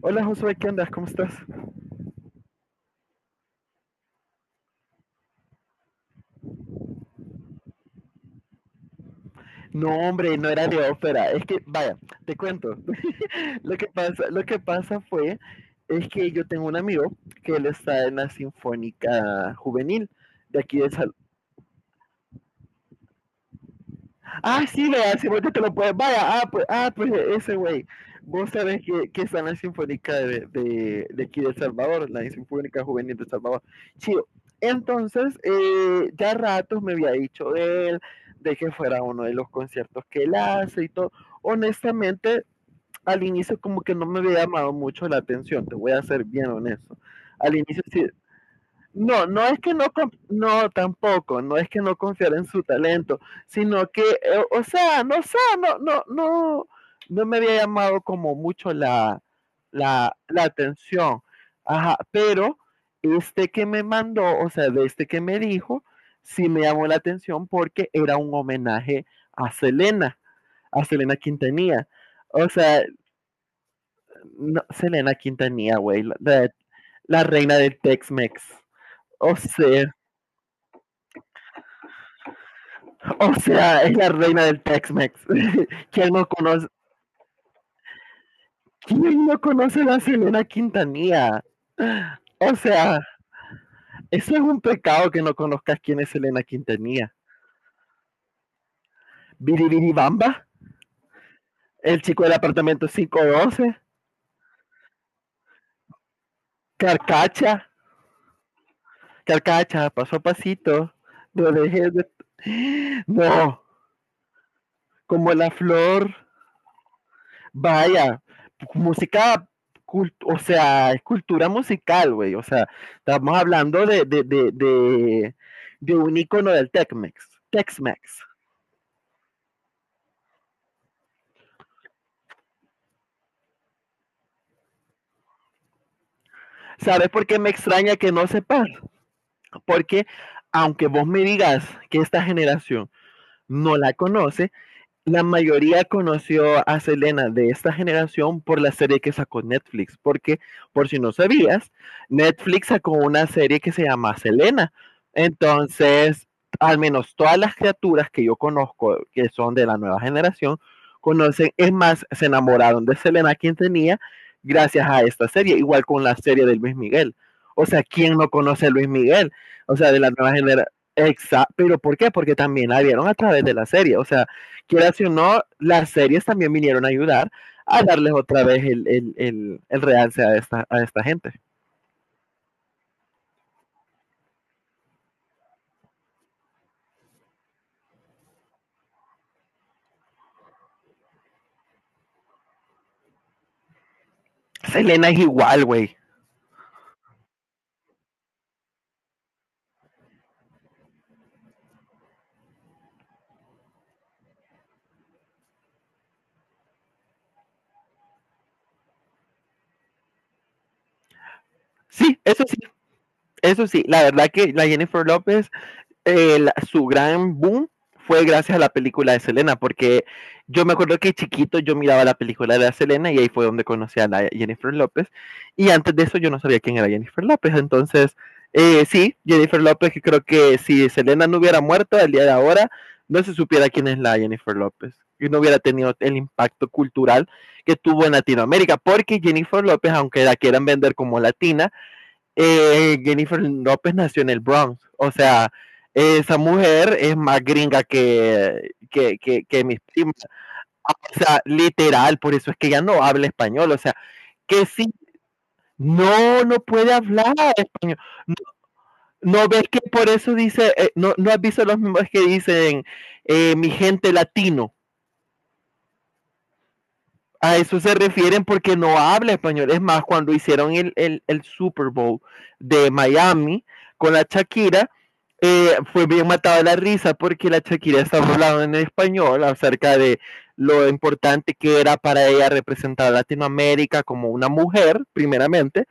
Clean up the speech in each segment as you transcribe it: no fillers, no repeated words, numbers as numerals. Hola Josué, ¿qué andas? ¿Cómo estás? No, hombre, no era de ópera. Es que, vaya, te cuento. Lo que pasa fue es que yo tengo un amigo que él está en la Sinfónica Juvenil de aquí de, Sa- Ah, sí, vea, si vos te lo puedes. Vaya, pues, ese güey. Vos sabés que está en la Sinfónica de aquí de El Salvador, la Sinfónica Juvenil de El Salvador. Chido. Entonces, ya ratos me había dicho él de que fuera uno de los conciertos que él hace y todo. Honestamente, al inicio como que no me había llamado mucho la atención, te voy a ser bien honesto. Al inicio sí, no es que no, no tampoco, no es que no confiar en su talento, sino que, o sea, no sé, no me había llamado como mucho la atención. Ajá, pero este que me mandó, o sea, de este que me dijo, sí me llamó la atención porque era un homenaje a Selena, a Selena Quintanilla. O sea, no, Selena Quintanilla, güey, la reina del Tex-Mex. O sea, O sea, es la reina del Tex-Mex. ¿Quién no conoce? ¿Quién no conoce a Selena Quintanilla? O sea, eso es un pecado que no conozcas quién es Selena Quintanilla. Biribiribamba, el chico del apartamento 512, Carcacha, paso a pasito, no dejes de... No, como la flor. Vaya, música, o sea, es cultura musical, güey. O sea, estamos hablando de un icono del Tex-Mex. Tex-Mex. ¿Sabes por qué me extraña que no sepas? Porque aunque vos me digas que esta generación no la conoce, la mayoría conoció a Selena de esta generación por la serie que sacó Netflix, porque por si no sabías, Netflix sacó una serie que se llama Selena. Entonces, al menos todas las criaturas que yo conozco, que son de la nueva generación, conocen, es más, se enamoraron de Selena, quien tenía, gracias a esta serie, igual con la serie de Luis Miguel. O sea, ¿quién no conoce a Luis Miguel? O sea, de la nueva generación. Exacto, pero ¿por qué? Porque también la vieron a través de la serie, o sea, quieras o no, las series también vinieron a ayudar a darles otra vez el realce a a esta gente. Selena es igual, güey. Sí, eso sí, eso sí. La verdad que la Jennifer López su gran boom fue gracias a la película de Selena, porque yo me acuerdo que chiquito yo miraba la película de la Selena y ahí fue donde conocí a la Jennifer López. Y antes de eso yo no sabía quién era Jennifer López. Entonces, sí, Jennifer López, que creo que si Selena no hubiera muerto el día de ahora, no se supiera quién es la Jennifer López. Y no hubiera tenido el impacto cultural que tuvo en Latinoamérica, porque Jennifer López, aunque la quieran vender como latina, Jennifer López nació en el Bronx. O sea, esa mujer es más gringa que mis primas. O sea, literal, por eso es que ya no habla español. O sea, que sí, no, no puede hablar español. No, no ves que por eso dice, no, no has visto los mismos que dicen mi gente latino. A eso se refieren porque no habla español. Es más, cuando hicieron el Super Bowl de Miami con la Shakira, fue bien matado de la risa porque la Shakira estaba hablando en español acerca de lo importante que era para ella representar a Latinoamérica como una mujer, primeramente,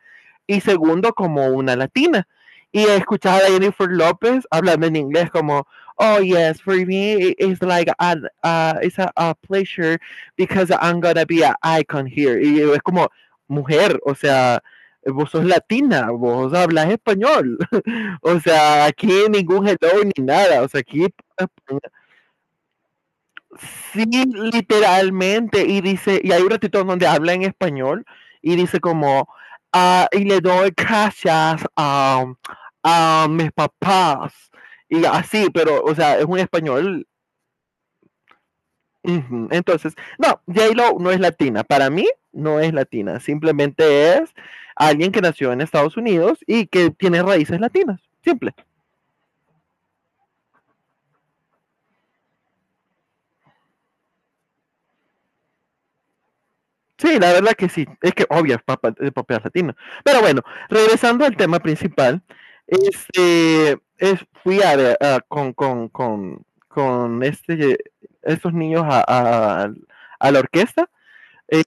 y segundo como una latina. Y escuchar a Jennifer López hablando en inglés como, oh yes, for me it's like an, it's pleasure because I'm gonna be an icon here. Y es como, mujer, o sea, vos sos latina, vos hablas español. O sea, aquí ningún hello ni nada. O sea, aquí sí, literalmente. Y dice, y hay un ratito donde habla en español y dice como, ah, y le doy gracias a mis papás. Y así, pero, o sea, es un español. Ujú. Entonces, no, J-Lo no es latina. Para mí, no es latina. Simplemente es alguien que nació en Estados Unidos y que tiene raíces latinas. Simple. Sí, la verdad que sí. Es que obvio, es es propiedad latina. Pero bueno, regresando al tema principal, este, es, fui a, ver, con, con este, estos niños a, a- a la orquesta, eh,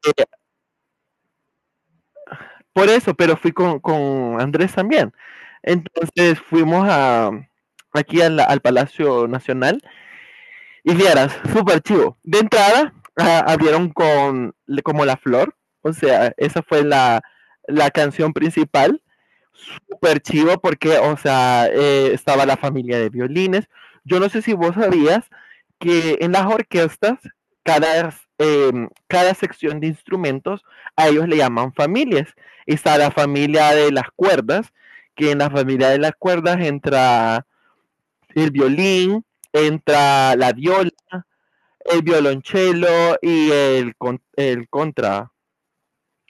por eso, pero fui con Andrés también. Entonces fuimos a, aquí a al Palacio Nacional y vieras, súper chivo. De entrada, ah, abrieron con como La Flor, o sea, esa fue la canción principal. Súper chivo porque, o sea, estaba la familia de violines. Yo no sé si vos sabías que en las orquestas, cada, cada sección de instrumentos, a ellos le llaman familias. Está la familia de las cuerdas, que en la familia de las cuerdas entra el violín, entra la viola, el violonchelo y el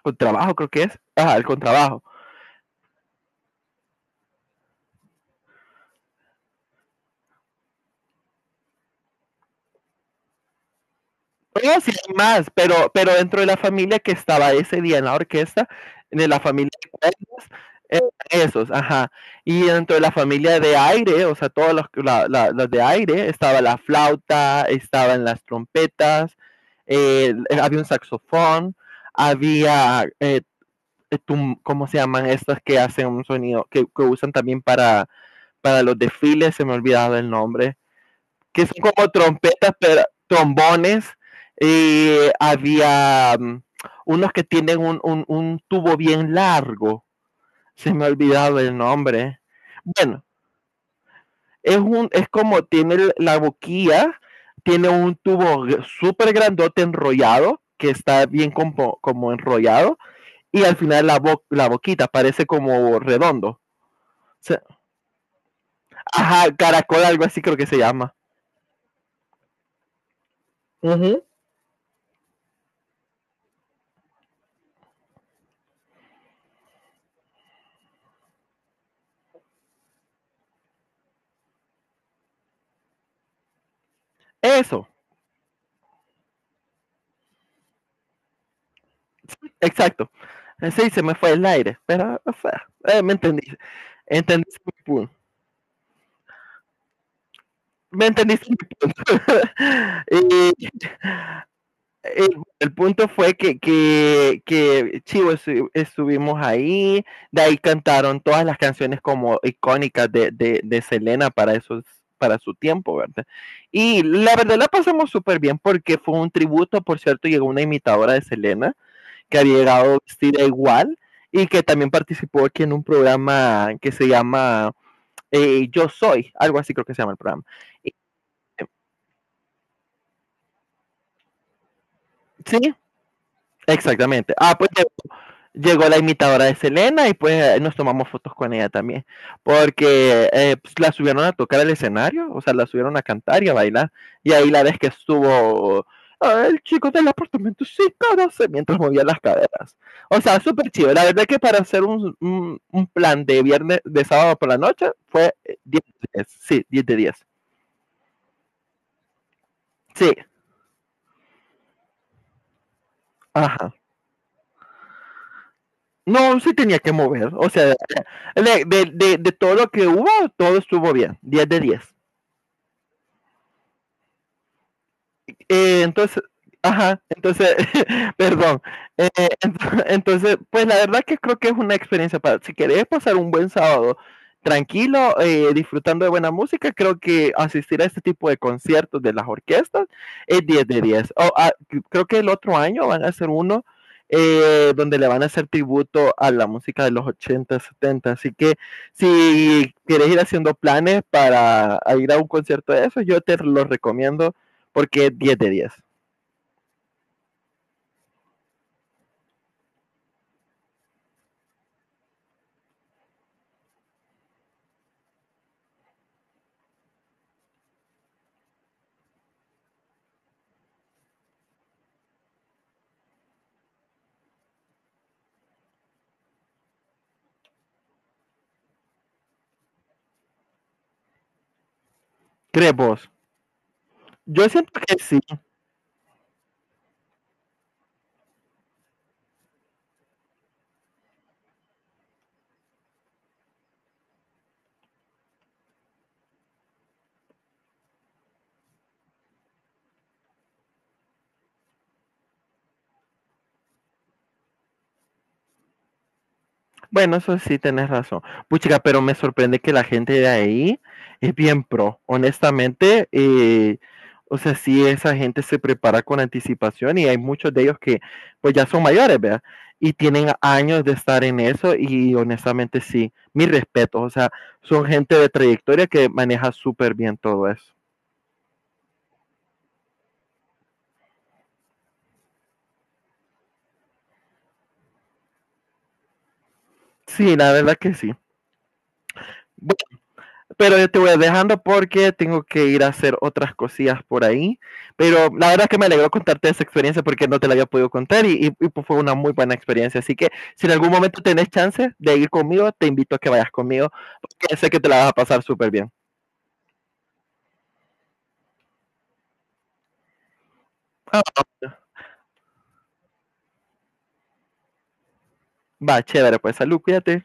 contrabajo creo que es, ajá, el contrabajo. Bueno, sí hay más, pero dentro de la familia que estaba ese día en la orquesta, de la familia de cuerdas, eh, esos, ajá. Y dentro de la familia de aire, o sea, todos los los de aire, estaba la flauta, estaban las trompetas, había un saxofón, había, ¿cómo se llaman estas que hacen un sonido, que usan también para los desfiles, se me ha olvidado el nombre, que son como trompetas, pero, trombones, y había unos que tienen un tubo bien largo, se me ha olvidado el nombre. Bueno, es, un, es como tiene la boquilla, tiene un tubo súper grandote enrollado, que está bien como, como enrollado, y al final la, bo la boquita parece como redondo. O sea, ajá, caracol, algo así creo que se llama. Uh -huh. Eso. Exacto. Sí, se me fue el aire, pero, o sea, me entendí. Entendiste mi punto. Me entendiste mi punto. Y- y el punto fue que chivo estuvimos ahí, de ahí cantaron todas las canciones como icónicas de Selena para esos para su tiempo, ¿verdad? Y la verdad la pasamos súper bien porque fue un tributo, por cierto, llegó una imitadora de Selena que había llegado vestida igual y que también participó aquí en un programa que se llama Yo Soy, algo así creo que se llama el programa. Y, eh, sí, exactamente. Ah, pues llegó la imitadora de Selena y pues nos tomamos fotos con ella también, porque pues, la subieron a tocar al escenario, o sea, la subieron a cantar y a bailar, y ahí la vez que estuvo "Ah, el chico del apartamento", sí, no sé, mientras movía las caderas. O sea, súper chido. La verdad que para hacer un plan de viernes, de sábado por la noche, fue 10, de 10, sí, 10 de 10. Sí, ajá. No, sí tenía que mover, o sea, de todo lo que hubo, todo estuvo bien, 10 de 10. Entonces, ajá, entonces, perdón. Eh, entonces, pues la verdad que creo que es una experiencia para, si querés pasar un buen sábado tranquilo, disfrutando de buena música, creo que asistir a este tipo de conciertos de las orquestas es 10 de 10. Creo que el otro año van a hacer uno donde le van a hacer tributo a la música de los 80, 70. Así que si quieres ir haciendo planes para a ir a un concierto de eso, yo te lo recomiendo porque es 10 de diez. ¿Crees vos? Yo siento que sí. Bueno, eso sí, tenés razón. Puchica, pero me sorprende que la gente de ahí es bien pro. Honestamente, o sea, sí, esa gente se prepara con anticipación y hay muchos de ellos que pues ya son mayores, ¿verdad? Y tienen años de estar en eso y honestamente sí, mis respetos. O sea, son gente de trayectoria que maneja súper bien todo eso. Sí, la verdad que sí. Pero yo te voy dejando porque tengo que ir a hacer otras cosillas por ahí. Pero la verdad es que me alegró contarte esa experiencia porque no te la había podido contar y pues fue una muy buena experiencia. Así que si en algún momento tenés chance de ir conmigo, te invito a que vayas conmigo porque sé que te la vas a pasar súper bien. Ah, va, chévere, pues salud, cuídate.